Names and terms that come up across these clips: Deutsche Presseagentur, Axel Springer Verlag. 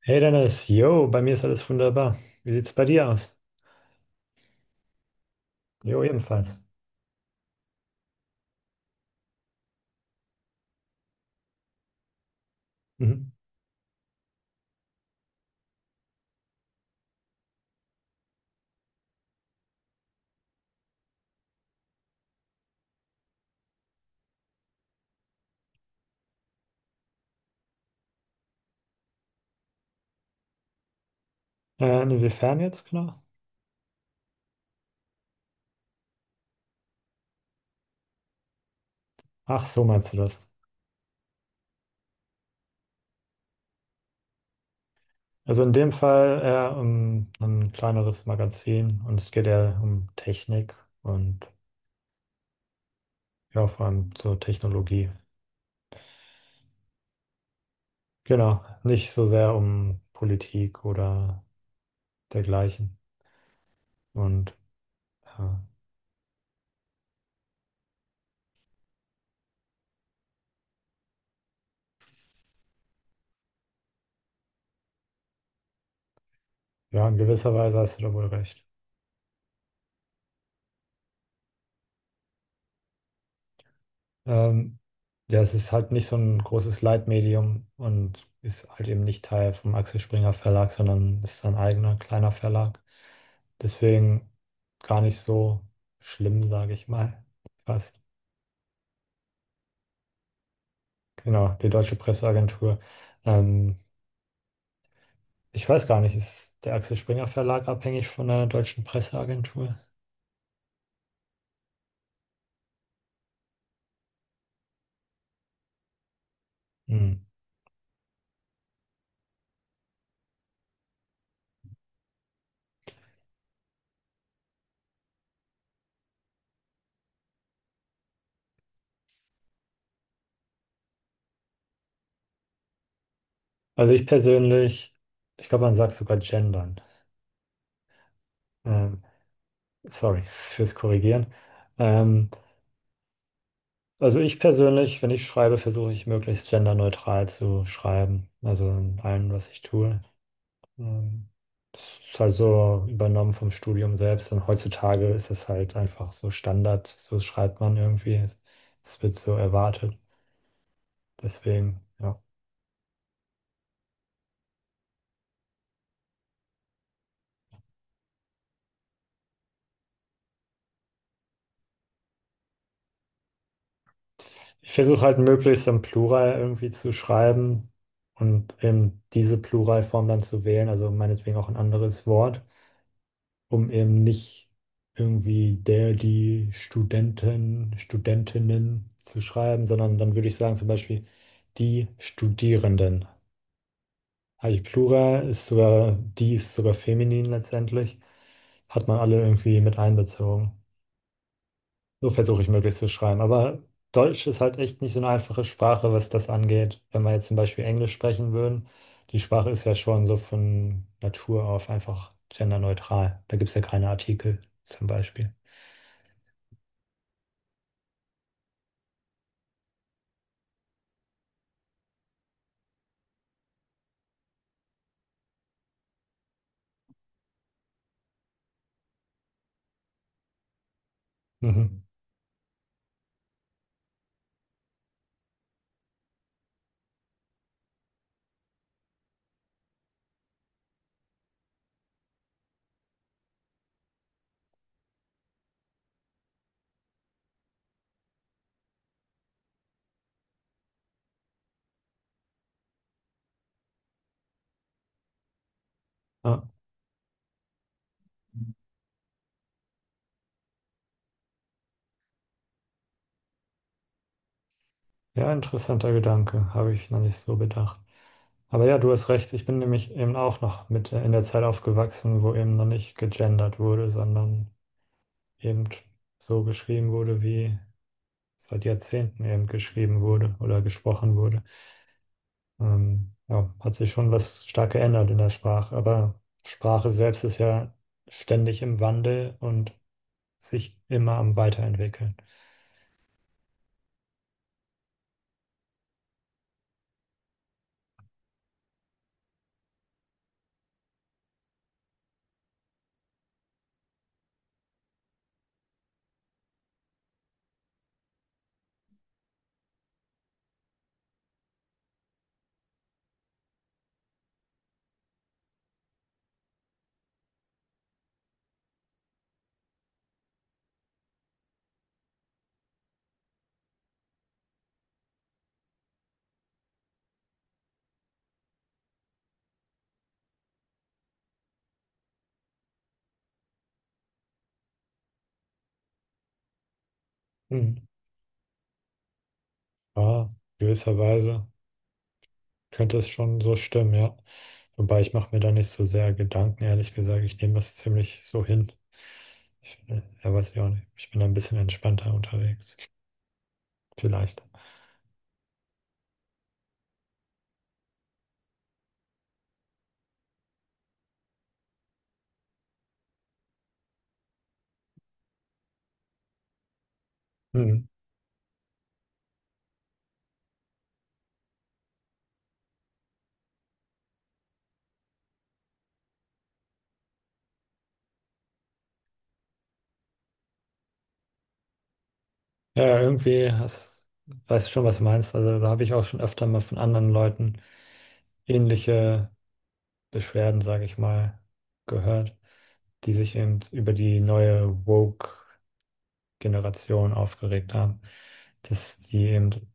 Hey Dennis, yo, bei mir ist alles wunderbar. Wie sieht's bei dir aus? Jo, ebenfalls. Mhm. Inwiefern jetzt genau? Ach, so meinst du das. Also in dem Fall eher um ein kleineres Magazin und es geht eher um Technik und ja, vor allem so Technologie. Genau, nicht so sehr um Politik oder dergleichen. Und ja, ja, in gewisser Weise hast du da wohl recht. Ähm, ja, es ist halt nicht so ein großes Leitmedium und ist halt eben nicht Teil vom Axel Springer Verlag, sondern ist sein eigener kleiner Verlag. Deswegen gar nicht so schlimm, sage ich mal. Fast. Genau, die Deutsche Presseagentur. Ähm, Ich weiß gar nicht, ist der Axel Springer Verlag abhängig von der Deutschen Presseagentur? Hm. Also ich persönlich, ich glaube, man sagt sogar gendern. Ähm, Sorry fürs Korrigieren. Ähm, Also ich persönlich, wenn ich schreibe, versuche ich möglichst genderneutral zu schreiben. Also in allem, was ich tue. Ähm, Das ist halt so übernommen vom Studium selbst. Und heutzutage ist es halt einfach so Standard. So schreibt man irgendwie. Es wird so erwartet. Deswegen, ja. Ich versuche halt möglichst im Plural irgendwie zu schreiben und eben diese Pluralform dann zu wählen. Also meinetwegen auch ein anderes Wort, um eben nicht irgendwie der, die Studenten, Studentinnen zu schreiben, sondern dann würde ich sagen zum Beispiel die Studierenden. Habe ich Plural, ist sogar, die ist sogar feminin letztendlich. Hat man alle irgendwie mit einbezogen. So versuche ich möglichst zu schreiben. Aber Deutsch ist halt echt nicht so eine einfache Sprache, was das angeht. Wenn wir jetzt zum Beispiel Englisch sprechen würden, die Sprache ist ja schon so von Natur auf einfach genderneutral. Da gibt es ja keine Artikel zum Beispiel. Mhm. Ja. Ja, interessanter Gedanke, habe ich noch nicht so bedacht. Aber ja, du hast recht, ich bin nämlich eben auch noch mit in der Zeit aufgewachsen, wo eben noch nicht gegendert wurde, sondern eben so geschrieben wurde, wie seit Jahrzehnten eben geschrieben wurde oder gesprochen wurde. Ja, hat sich schon was stark geändert in der Sprache, aber Sprache selbst ist ja ständig im Wandel und sich immer am Weiterentwickeln. Hm. Ja, gewisserweise. Könnte es schon so stimmen, ja. Wobei, ich mache mir da nicht so sehr Gedanken, ehrlich gesagt. Ich nehme das ziemlich so hin. Ja, weiß ich auch nicht. Ich bin da ein bisschen entspannter unterwegs. Vielleicht. Hm. Ja, ja, weißt du schon, was du meinst. Also da habe ich auch schon öfter mal von anderen Leuten ähnliche Beschwerden, sage ich mal, gehört, die sich eben über die neue Woke-Generation aufgeregt haben, dass die eben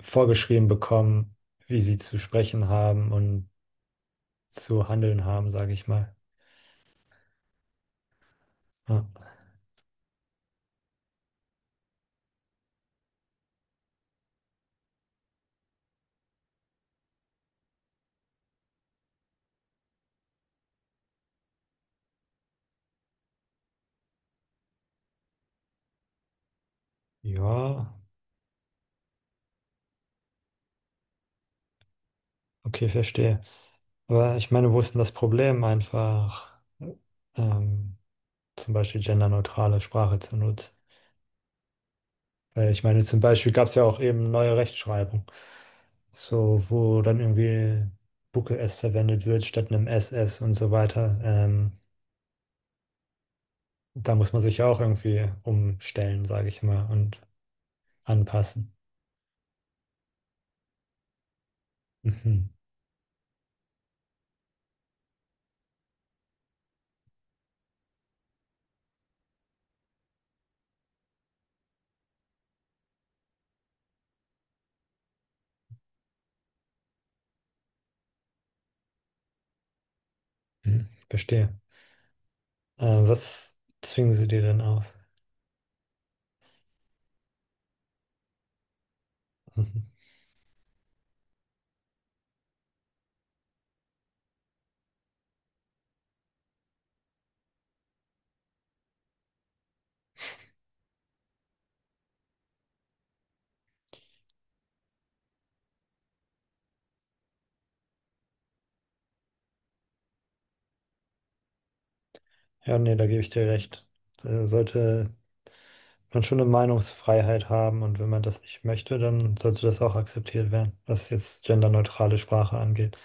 vorgeschrieben bekommen, wie sie zu sprechen haben und zu handeln haben, sage ich mal. Ja, ja, okay, verstehe. Aber ich meine, wo ist denn das Problem, einfach ähm, zum Beispiel genderneutrale Sprache zu nutzen? Weil ich meine, zum Beispiel gab es ja auch eben neue Rechtschreibung, so wo dann irgendwie Bucke S verwendet wird statt einem SS und so weiter. Da muss man sich ja auch irgendwie umstellen, sage ich mal, und anpassen. Mhm. Hm, verstehe. Was zwingen sie dir denn auf? Mhm. Ja, nee, da gebe ich dir recht. Da sollte man schon eine Meinungsfreiheit haben, und wenn man das nicht möchte, dann sollte das auch akzeptiert werden, was jetzt genderneutrale Sprache angeht.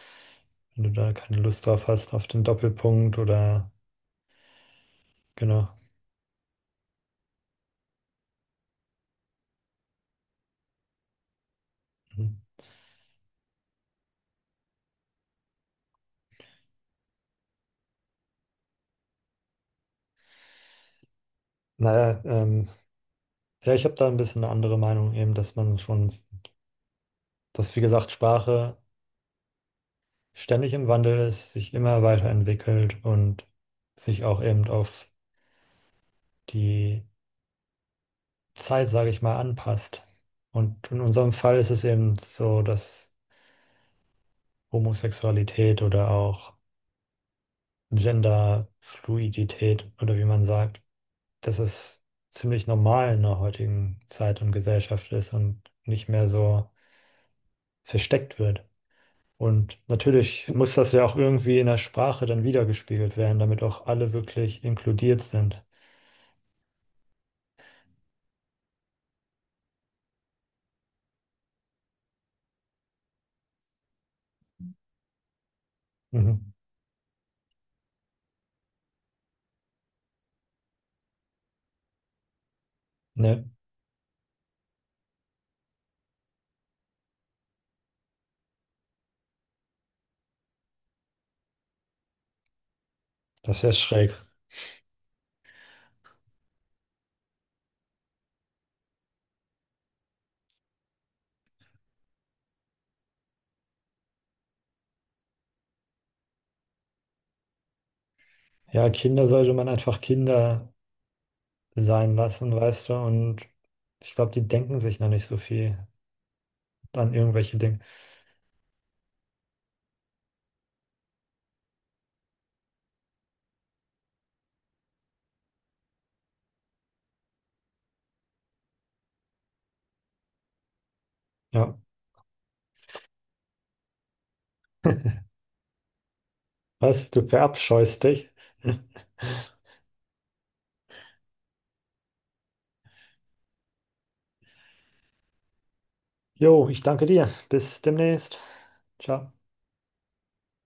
Wenn du da keine Lust drauf hast, auf den Doppelpunkt oder, genau. Mhm. Naja, ja, ich habe da ein bisschen eine andere Meinung eben, dass man schon, dass, wie gesagt, Sprache ständig im Wandel ist, sich immer weiterentwickelt und sich auch eben auf die Zeit, sage ich mal, anpasst. Und in unserem Fall ist es eben so, dass Homosexualität oder auch Genderfluidität, oder wie man sagt, dass es ziemlich normal in der heutigen Zeit und Gesellschaft ist und nicht mehr so versteckt wird. Und natürlich muss das ja auch irgendwie in der Sprache dann wiedergespiegelt werden, damit auch alle wirklich inkludiert sind. Mhm. Ne? Das ist ja schräg. Ja, Kinder sollte man einfach Kinder sein lassen, weißt du, und ich glaube, die denken sich noch nicht so viel an irgendwelche Dinge. Ja, was? Du verabscheust dich. Jo, ich danke dir. Bis demnächst. Ciao.